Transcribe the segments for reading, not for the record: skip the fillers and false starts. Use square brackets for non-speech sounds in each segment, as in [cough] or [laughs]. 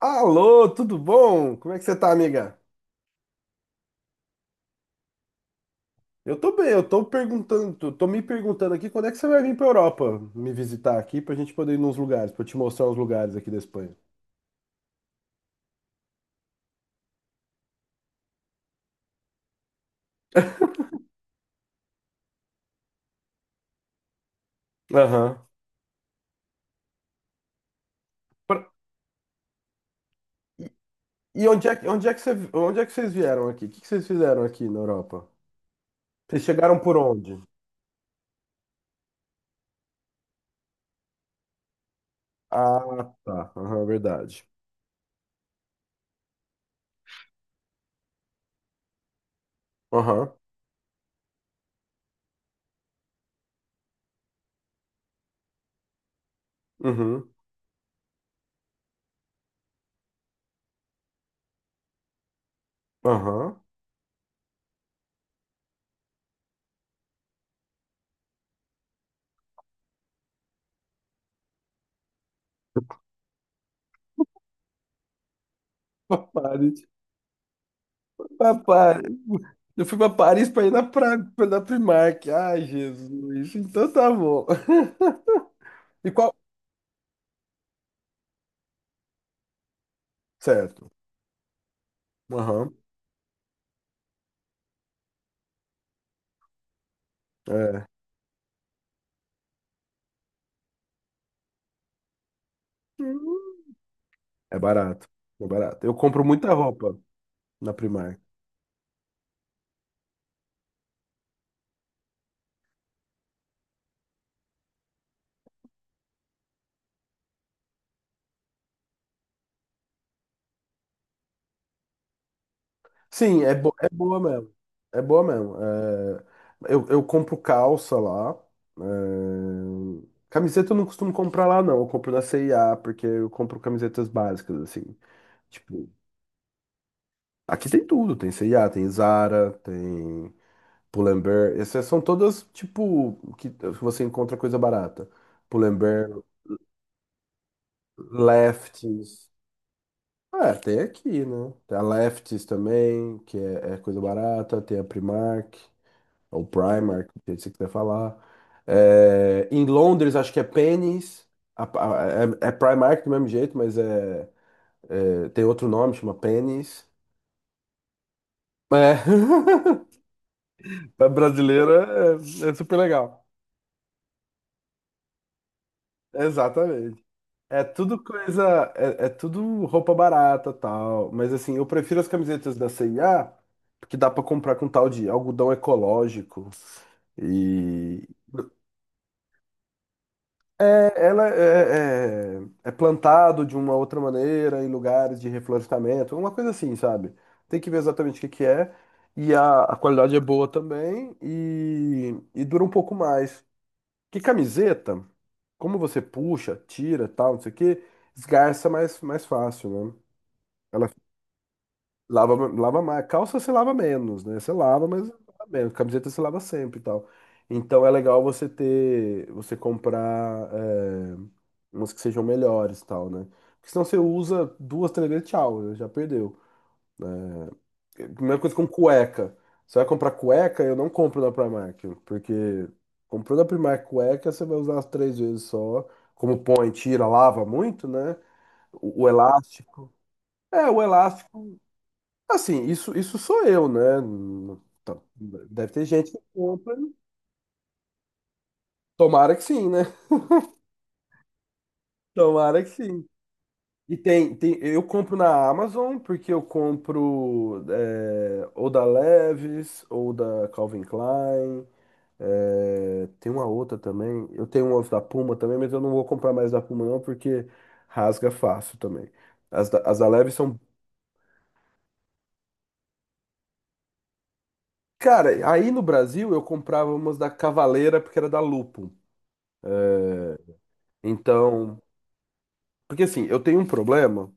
Alô, tudo bom? Como é que você tá, amiga? Eu tô bem, eu tô me perguntando aqui quando é que você vai vir pra Europa me visitar aqui pra gente poder ir nos lugares, pra eu te mostrar uns lugares aqui da Espanha. Aham. Pra- E e onde é, onde é que você, onde é que vocês vieram aqui? O que que vocês fizeram aqui na Europa? Vocês chegaram por onde? Ah, tá. Aham, verdade. Aham. Uhum. Aham. [laughs] Pare. Pra Paris. Eu fui pra Paris pra ir pra, na Primark. Ai, Jesus. Então tá bom. [laughs] E qual? Certo. Aham. É. Hum. É barato. É barato. Eu compro muita roupa na Primark. Sim, é, bo é boa mesmo. É boa mesmo. É, eu compro calça lá. é, Camiseta eu não costumo comprar lá, não. Eu compro na C&A, porque eu compro camisetas básicas, assim. Tipo, aqui tem tudo. Tem C&A, tem Zara, tem Pull&Bear, essas são todas tipo que você encontra coisa barata. Pull&Bear, Lefties. É, tem aqui, né? Tem a Lefties também, que é, é coisa barata. Tem a Primark, ou Primark, do jeito que você quiser falar. É, em Londres, acho que é Pennies. É, é Primark do mesmo jeito, mas tem outro nome, chama Pennies. É, [laughs] pra brasileiro é, é super legal. Exatamente. É tudo coisa, é, é tudo roupa barata, tal, mas assim, eu prefiro as camisetas da C&A, porque dá pra comprar com tal de algodão ecológico e ela é, é, é plantado de uma outra maneira em lugares de reflorestamento, uma coisa assim, sabe? Tem que ver exatamente o que que é e a qualidade é boa também e dura um pouco mais. Que camiseta, como você puxa, tira, tal, não sei o quê, esgarça mais fácil, né? Ela Lava, lava mais. Calça você lava menos, né? Você lava, mas lava menos. Camiseta você lava sempre e tal. Então é legal você ter, você comprar é, umas que sejam melhores e tal, né? Porque senão você usa duas, três vezes, tchau, né? Já perdeu. É, mesma coisa com cueca. Você vai comprar cueca, eu não compro na Primark, porque comprou na Primark cueca, você vai usar as três vezes só. Como põe, tira, lava muito, né? O elástico. É, o elástico. Assim, isso, sou eu, né? Então, deve ter gente que compra. Tomara que sim, né? [laughs] Tomara que sim. Tem, eu compro na Amazon porque eu compro é, ou da Levi's ou da Calvin Klein. É, tem uma outra também. Eu tenho umas da Puma também, mas eu não vou comprar mais da Puma não porque rasga fácil também. As da Levi's são. Cara, aí no Brasil eu comprava umas da Cavaleira porque era da Lupo. Então. Porque assim, eu tenho um problema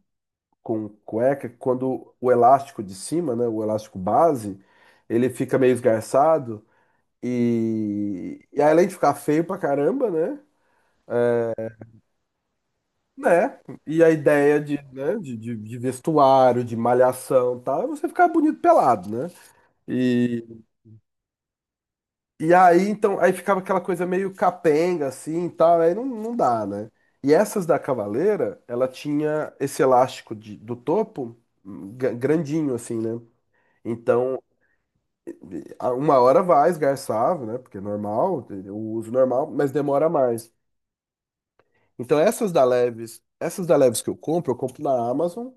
com cueca quando o elástico de cima, né, o elástico base, ele fica meio esgarçado e aí, além de ficar feio pra caramba, né? Né? E a ideia de, né, de vestuário, de malhação, e tal, é você ficar bonito pelado, né? E, e aí então, aí ficava aquela coisa meio capenga assim, e tal, aí não, não dá, né? E essas da Cavaleira, ela tinha esse elástico do topo grandinho assim, né? Então, uma hora vai esgarçar, né? Porque é normal, o uso normal, mas demora mais. Então, essas da Leves que eu compro na Amazon.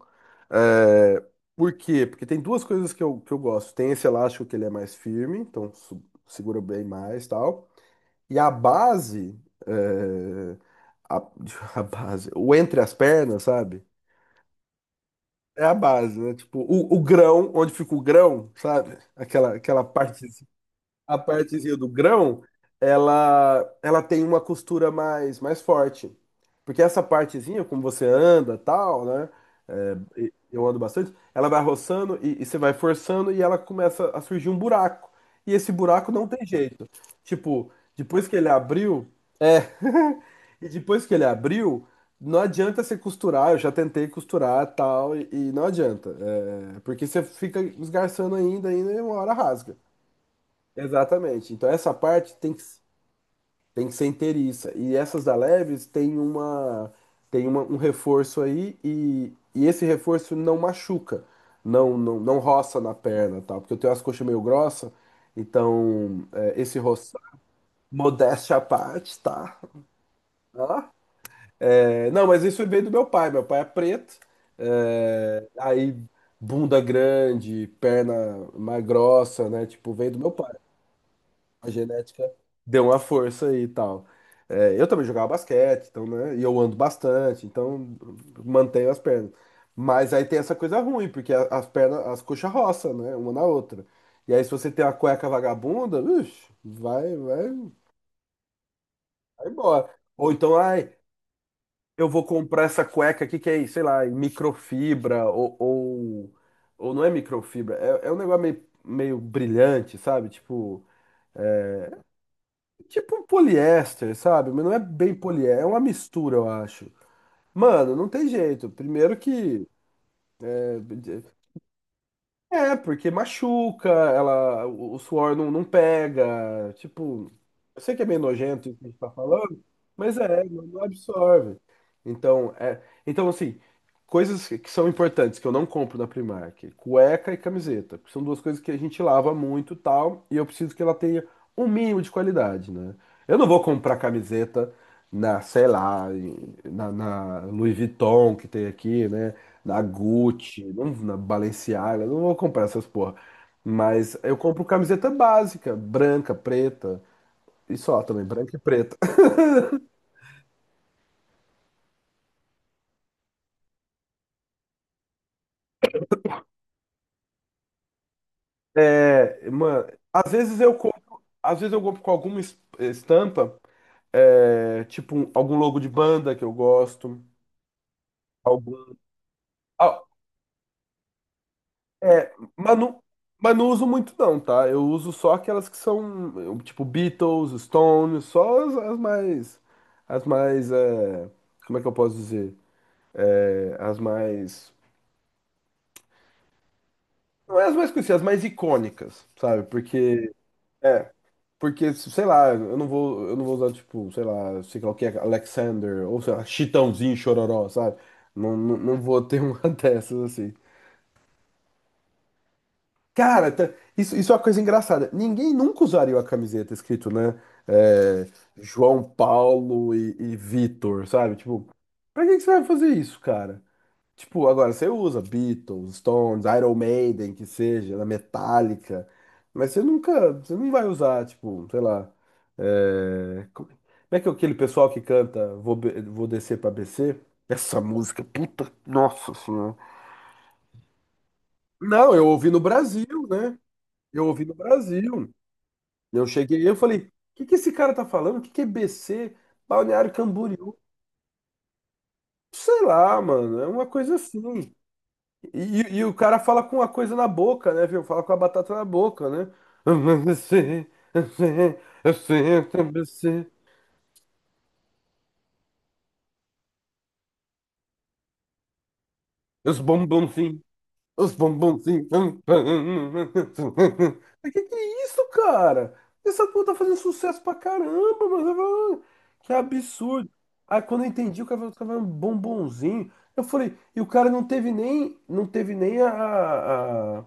É, por quê? Porque tem duas coisas que eu gosto. Tem esse elástico que ele é mais firme, então segura bem mais e tal. E a base, é, a, [laughs] a base, o entre as pernas, sabe? É a base, né? Tipo, o grão, onde fica o grão, sabe? Aquela, aquela parte. A partezinha do grão, ela tem uma costura mais, mais forte. Porque essa partezinha, como você anda, tal, né? É, eu ando bastante, ela vai roçando e você vai forçando e ela começa a surgir um buraco. E esse buraco não tem jeito. Tipo, depois que ele abriu, é. [laughs] E depois que ele abriu, não adianta você costurar. Eu já tentei costurar, tal, e não adianta. É, porque você fica esgarçando ainda e uma hora rasga. Exatamente. Então essa parte tem que ser inteiriça. E essas da Leves tem uma tem um reforço aí e esse reforço não machuca, não roça na perna, tal, porque eu tenho as coxas meio grossas, então é, esse roçar, modéstia à parte, tá? Ó. É, não, mas isso veio do meu pai. Meu pai é preto, é, aí bunda grande, perna mais grossa, né? Tipo, veio do meu pai. A genética deu uma força aí e tal. É, eu também jogava basquete, então, né? E eu ando bastante, então mantenho as pernas. Mas aí tem essa coisa ruim, porque as pernas, as coxas roçam, né? Uma na outra. E aí, se você tem uma cueca vagabunda, ixi, vai embora. Ou então, ai, eu vou comprar essa cueca aqui que é, sei lá, microfibra, ou não é microfibra, é, é um negócio meio, meio brilhante, sabe? Tipo. Tipo um poliéster, sabe? Mas não é bem poliéster, é uma mistura, eu acho. Mano, não tem jeito. Primeiro que é, é, porque machuca, ela, o suor não, não pega. Tipo, eu sei que é meio nojento isso que a gente tá falando, mas é, não absorve. Então, é, então assim, coisas que são importantes que eu não compro na Primark, cueca e camiseta, porque são duas coisas que a gente lava muito, e tal, e eu preciso que ela tenha um mínimo de qualidade, né? Eu não vou comprar camiseta na, sei lá, na Louis Vuitton que tem aqui, né? Da Gucci, não, na Balenciaga, não vou comprar essas porra. Mas eu compro camiseta básica, branca, preta, e só também, branca e preta. [laughs] É, mano, às vezes eu compro, às vezes eu compro com alguma estampa, é, algum logo de banda que eu gosto, algum, ah, é, mas não, mas não uso muito não, tá? Eu uso só aquelas que são, eu, tipo Beatles, Stones, só as mais, é, como é que eu posso dizer? É, as mais. Não é as mais conhecidas, as mais icônicas, sabe? Porque. É. Porque, sei lá, eu não vou usar, tipo, sei lá o que é, Alexander, ou sei lá, Chitãozinho, Chororó, sabe? Não vou ter uma [laughs] dessas assim. Cara, tá- isso, isso é uma coisa engraçada. Ninguém nunca usaria a camiseta escrito, né? É, João Paulo e Vitor, sabe? Tipo, pra que que você vai fazer isso, cara? Tipo, agora você usa Beatles, Stones, Iron Maiden, que seja, na Metallica, mas você nunca, você não vai usar, tipo, sei lá, é, como é que é aquele pessoal que canta Vou, Vou Descer pra BC? Essa música, puta, nossa senhora. Não, eu ouvi no Brasil, né? Eu ouvi no Brasil. Eu cheguei e eu falei, o que que esse cara tá falando? O que que é BC? Balneário Camboriú? Sei lá, mano, é uma coisa assim. E o cara fala com a coisa na boca, né, viu? Fala com a batata na boca, né? Eu sei, eu sei, eu sei, eu também sei, os bombonzinhos, os bombonzinhos. Mas que é isso, cara? Essa porra tá fazendo sucesso pra caramba, mano. Eu falo, "Ah, que absurdo." Aí quando eu entendi, o cara falou, tava um bombonzinho. Eu falei, e o cara não teve nem, não teve nem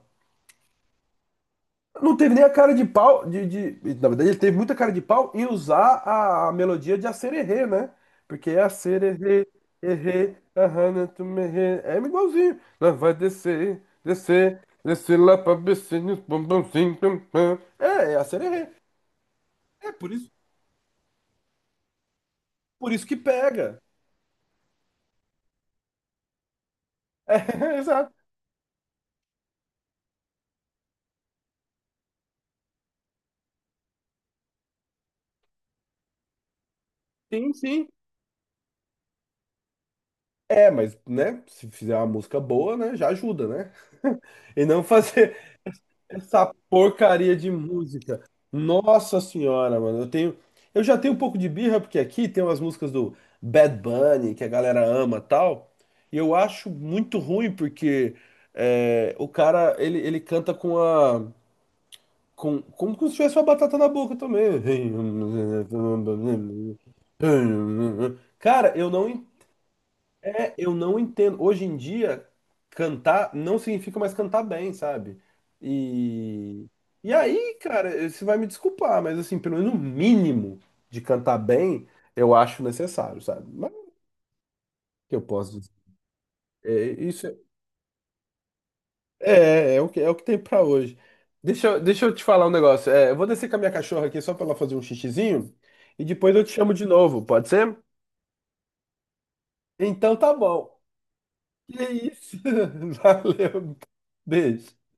não teve nem a cara de pau, na verdade ele teve muita cara de pau em usar a melodia de Acererê, né? Porque é Acererê, errê, ahana, tu me errê, é igualzinho. Lá vai descer, descer, descer lá pra becinho, pum, pumzinho, pum, pum. É, é Acererê. É por isso, por isso que pega. É, [laughs] exato. Sim, sim. É, mas, né, se fizer uma música boa, né, já ajuda, né? [laughs] E não fazer essa porcaria de música. Nossa senhora, mano. Eu já tenho um pouco de birra porque aqui tem umas músicas do Bad Bunny que a galera ama, tal. E eu acho muito ruim porque é, o cara ele, ele canta com a com como se tivesse uma batata na boca também. [laughs] Cara, eu não é, eu não entendo. Hoje em dia, cantar não significa mais cantar bem, sabe? E, e aí, cara, você vai me desculpar, mas assim, pelo menos o mínimo de cantar bem, eu acho necessário, sabe? Mas o que eu posso dizer? É, isso é, é, é o que tem pra hoje. Deixa eu te falar um negócio. É, eu vou descer com a minha cachorra aqui só pra ela fazer um xixizinho e depois eu te chamo de novo, pode ser? Então tá bom. Que isso? [laughs] Valeu, beijo.